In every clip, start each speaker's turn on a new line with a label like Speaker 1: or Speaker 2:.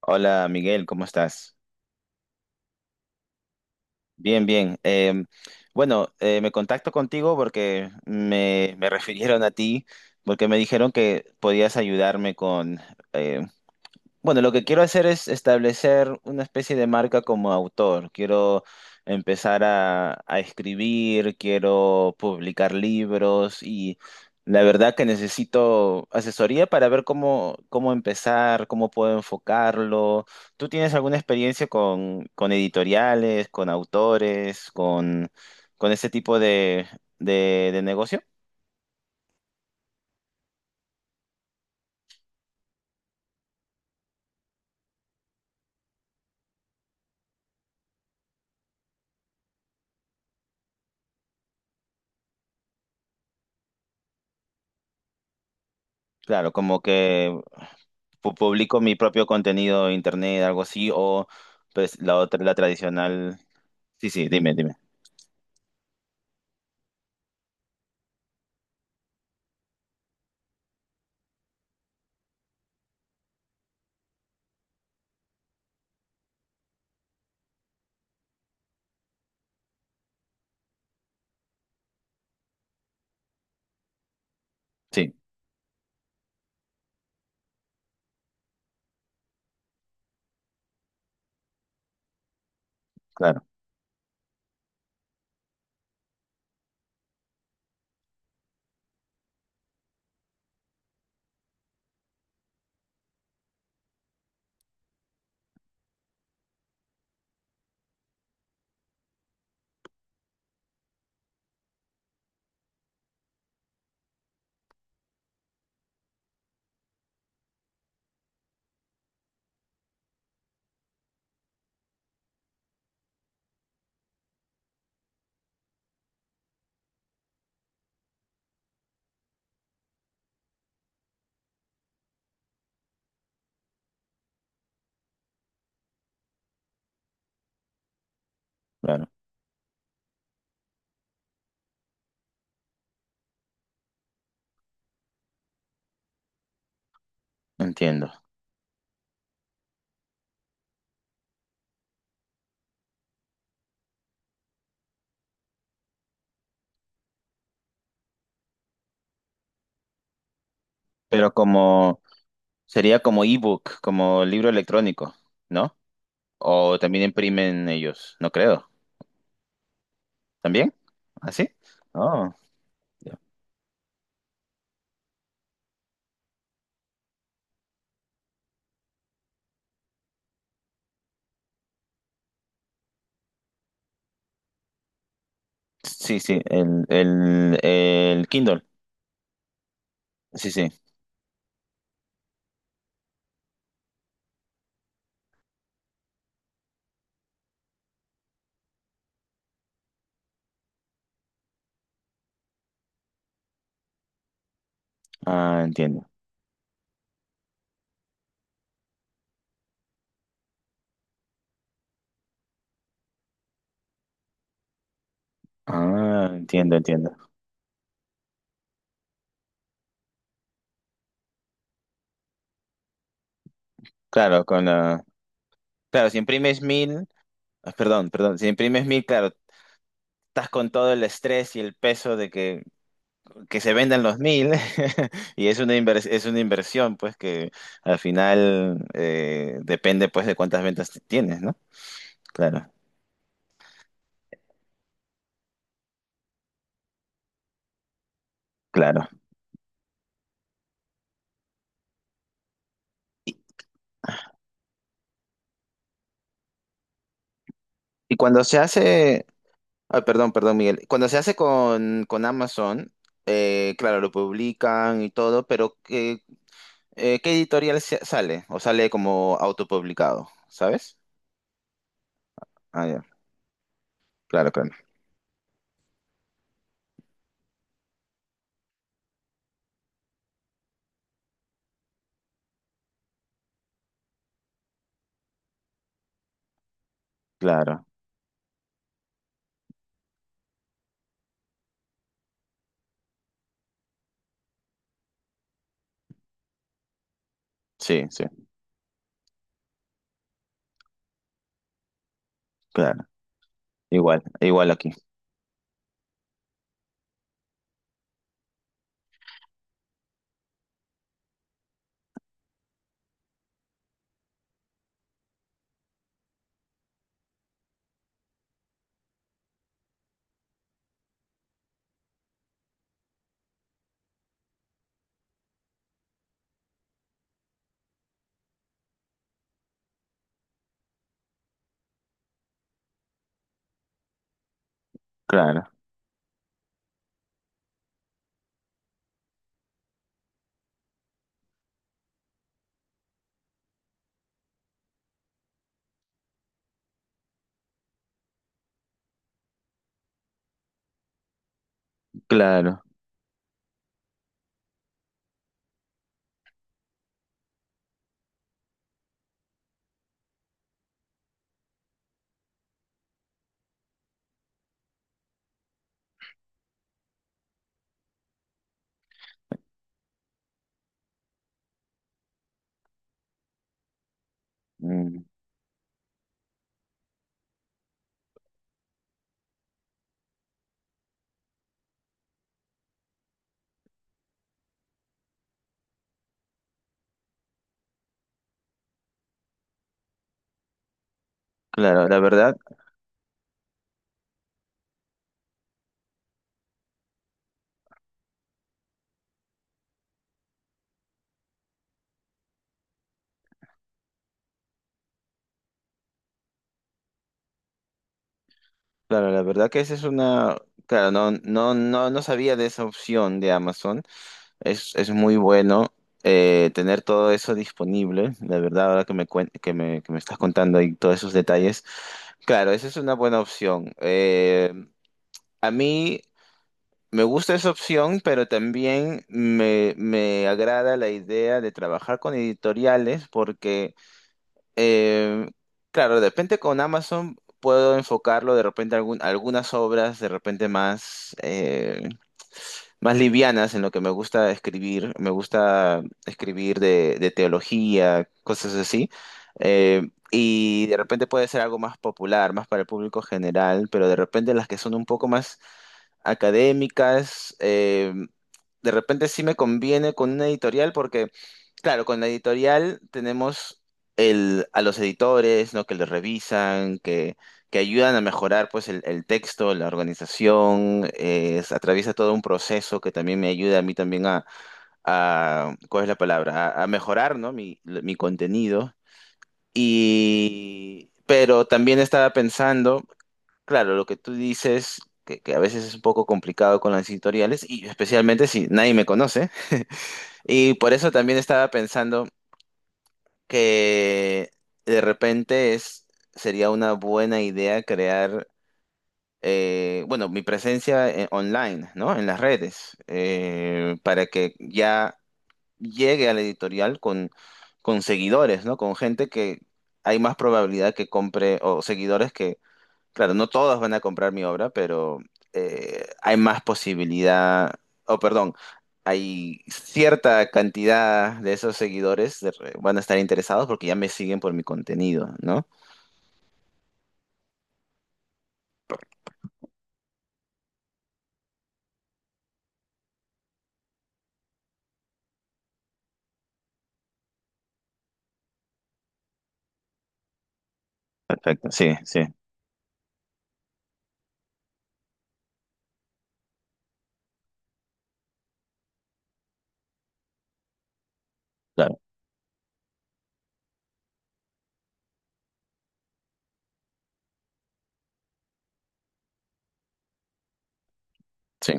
Speaker 1: Hola Miguel, ¿cómo estás? Bien, bien. Me contacto contigo porque me refirieron a ti, porque me dijeron que podías ayudarme con eh, bueno, lo que quiero hacer es establecer una especie de marca como autor. Quiero empezar a escribir, quiero publicar libros y la verdad que necesito asesoría para ver cómo empezar, cómo puedo enfocarlo. ¿Tú tienes alguna experiencia con editoriales, con autores, con ese tipo de negocio? Claro, como que... publico mi propio contenido en internet, algo así, o pues la otra, la tradicional. Sí, sí, dime. Sí, claro, claro, entiendo. Pero como sería como ebook, como libro electrónico, ¿no? O también imprimen ellos, no creo. ¿También? ¿Así? Oh, ya. Sí, sí, el Kindle. Sí, sí. Ah, entiendo. Ah, entiendo, entiendo. Claro, con la... Claro, si imprimes mil, ah, perdón, si imprimes mil, claro, estás con todo el estrés y el peso de que se vendan los mil y es una es una inversión, pues, que al final, depende, pues, de cuántas ventas tienes, ¿no? Claro, claro. Y cuando se hace, ah, perdón, Miguel, cuando se hace con Amazon, claro, lo publican y todo, pero ¿qué editorial sale? ¿O sale como autopublicado? ¿Sabes? Ah, ya. Claro, claro. Claro. Sí, sí. Claro. Igual, igual aquí. Claro, claro. Mm, claro, la verdad, claro, la verdad que esa es una. Claro, no, no, no, no sabía de esa opción de Amazon. Es muy bueno tener todo eso disponible. La verdad, ahora que me, cuen- que me estás contando ahí todos esos detalles. Claro, esa es una buena opción. A mí. Me gusta esa opción, pero también me agrada la idea de trabajar con editoriales porque, eh, claro, de repente con Amazon puedo enfocarlo de repente a algunas obras de repente más, más livianas en lo que me gusta escribir. Me gusta escribir de teología, cosas así. Eh, y de repente puede ser algo más popular, más para el público general, pero de repente las que son un poco más académicas. De repente sí me conviene con una editorial porque, claro, con la editorial tenemos el, a los editores, ¿no? Que les que ayudan a mejorar pues el texto, la organización, atraviesa todo un proceso que también me ayuda a mí también a, ¿cuál es la palabra? A mejorar, ¿no? Mi contenido. Y, pero también estaba pensando... Claro, lo que tú dices, que a veces es un poco complicado con las editoriales, y especialmente si nadie me conoce. Y por eso también estaba pensando que de repente es, sería una buena idea crear, bueno, mi presencia online, ¿no? En las redes, para que ya llegue a la editorial con seguidores, ¿no? Con gente que hay más probabilidad que compre, o seguidores que claro, no todos van a comprar mi obra, pero hay más posibilidad, o perdón, hay cierta cantidad de esos seguidores de van a estar interesados porque ya me siguen por mi contenido, ¿no? Perfecto, sí, sí, claro, sí,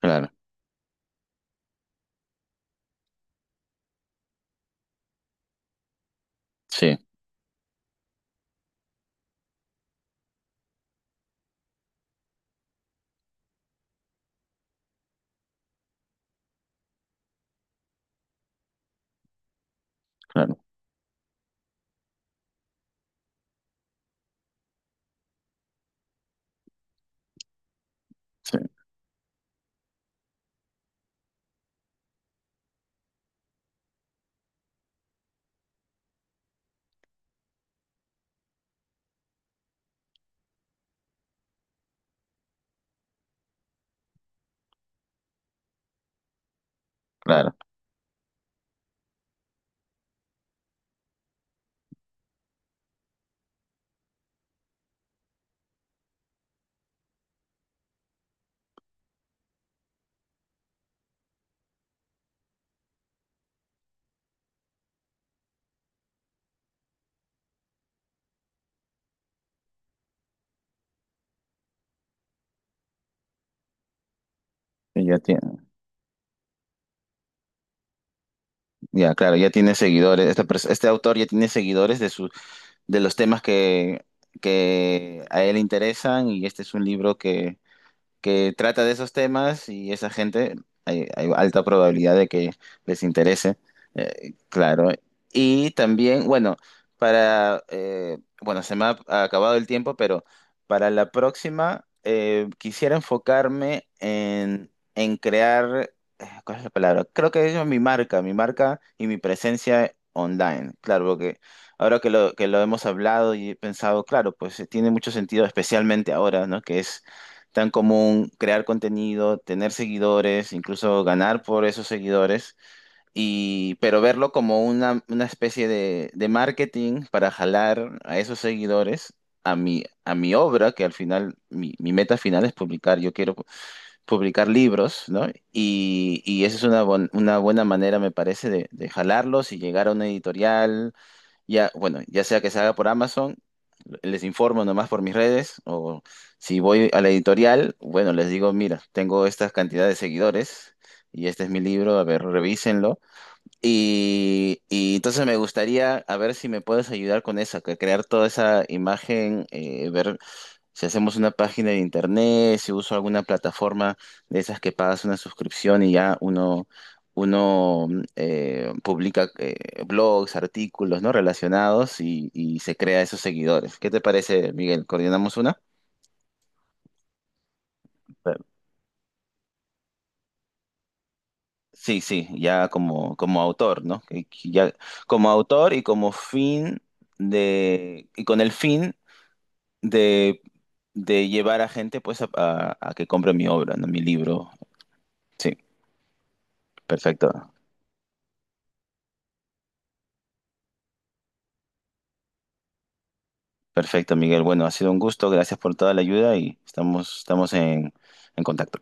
Speaker 1: claro, sí, claro, sí, claro. Y ya tiene, ya, claro, ya tiene seguidores. Esta este autor ya tiene seguidores de su, de los temas que a él interesan, y este es un libro que trata de esos temas y esa gente, hay alta probabilidad de que les interese, claro. Y también, bueno, para, bueno, se me ha acabado el tiempo, pero para la próxima quisiera enfocarme en crear, ¿cuál es la palabra? Creo que es mi marca y mi presencia online, claro, porque... Ahora que que lo hemos hablado y he pensado, claro, pues tiene mucho sentido, especialmente ahora, ¿no? Que es tan común crear contenido, tener seguidores, incluso ganar por esos seguidores, y, pero verlo como una especie de marketing para jalar a esos seguidores a a mi obra, que al final, mi meta final es publicar, yo quiero publicar libros, ¿no? Y esa es una, una buena manera, me parece, de jalarlos y llegar a una editorial ya, bueno, ya sea que se haga por Amazon, les informo nomás por mis redes, o si voy a la editorial, bueno, les digo, mira, tengo esta cantidad de seguidores y este es mi libro, a ver, revísenlo. Y entonces me gustaría, a ver si me puedes ayudar con eso, que crear toda esa imagen, ver si hacemos una página de internet, si uso alguna plataforma de esas que pagas una suscripción y ya uno, uno publica blogs, artículos, ¿no? Relacionados y se crea esos seguidores. ¿Qué te parece, Miguel? ¿Coordinamos una? Pero- sí, sí, ya como, como autor, ¿no? Que ya, como autor y como fin de, y con el fin de, de llevar a gente pues a, a que compre mi obra, ¿no? Mi libro. Sí, perfecto. Perfecto, Miguel. Bueno, ha sido un gusto. Gracias por toda la ayuda y estamos, estamos en contacto.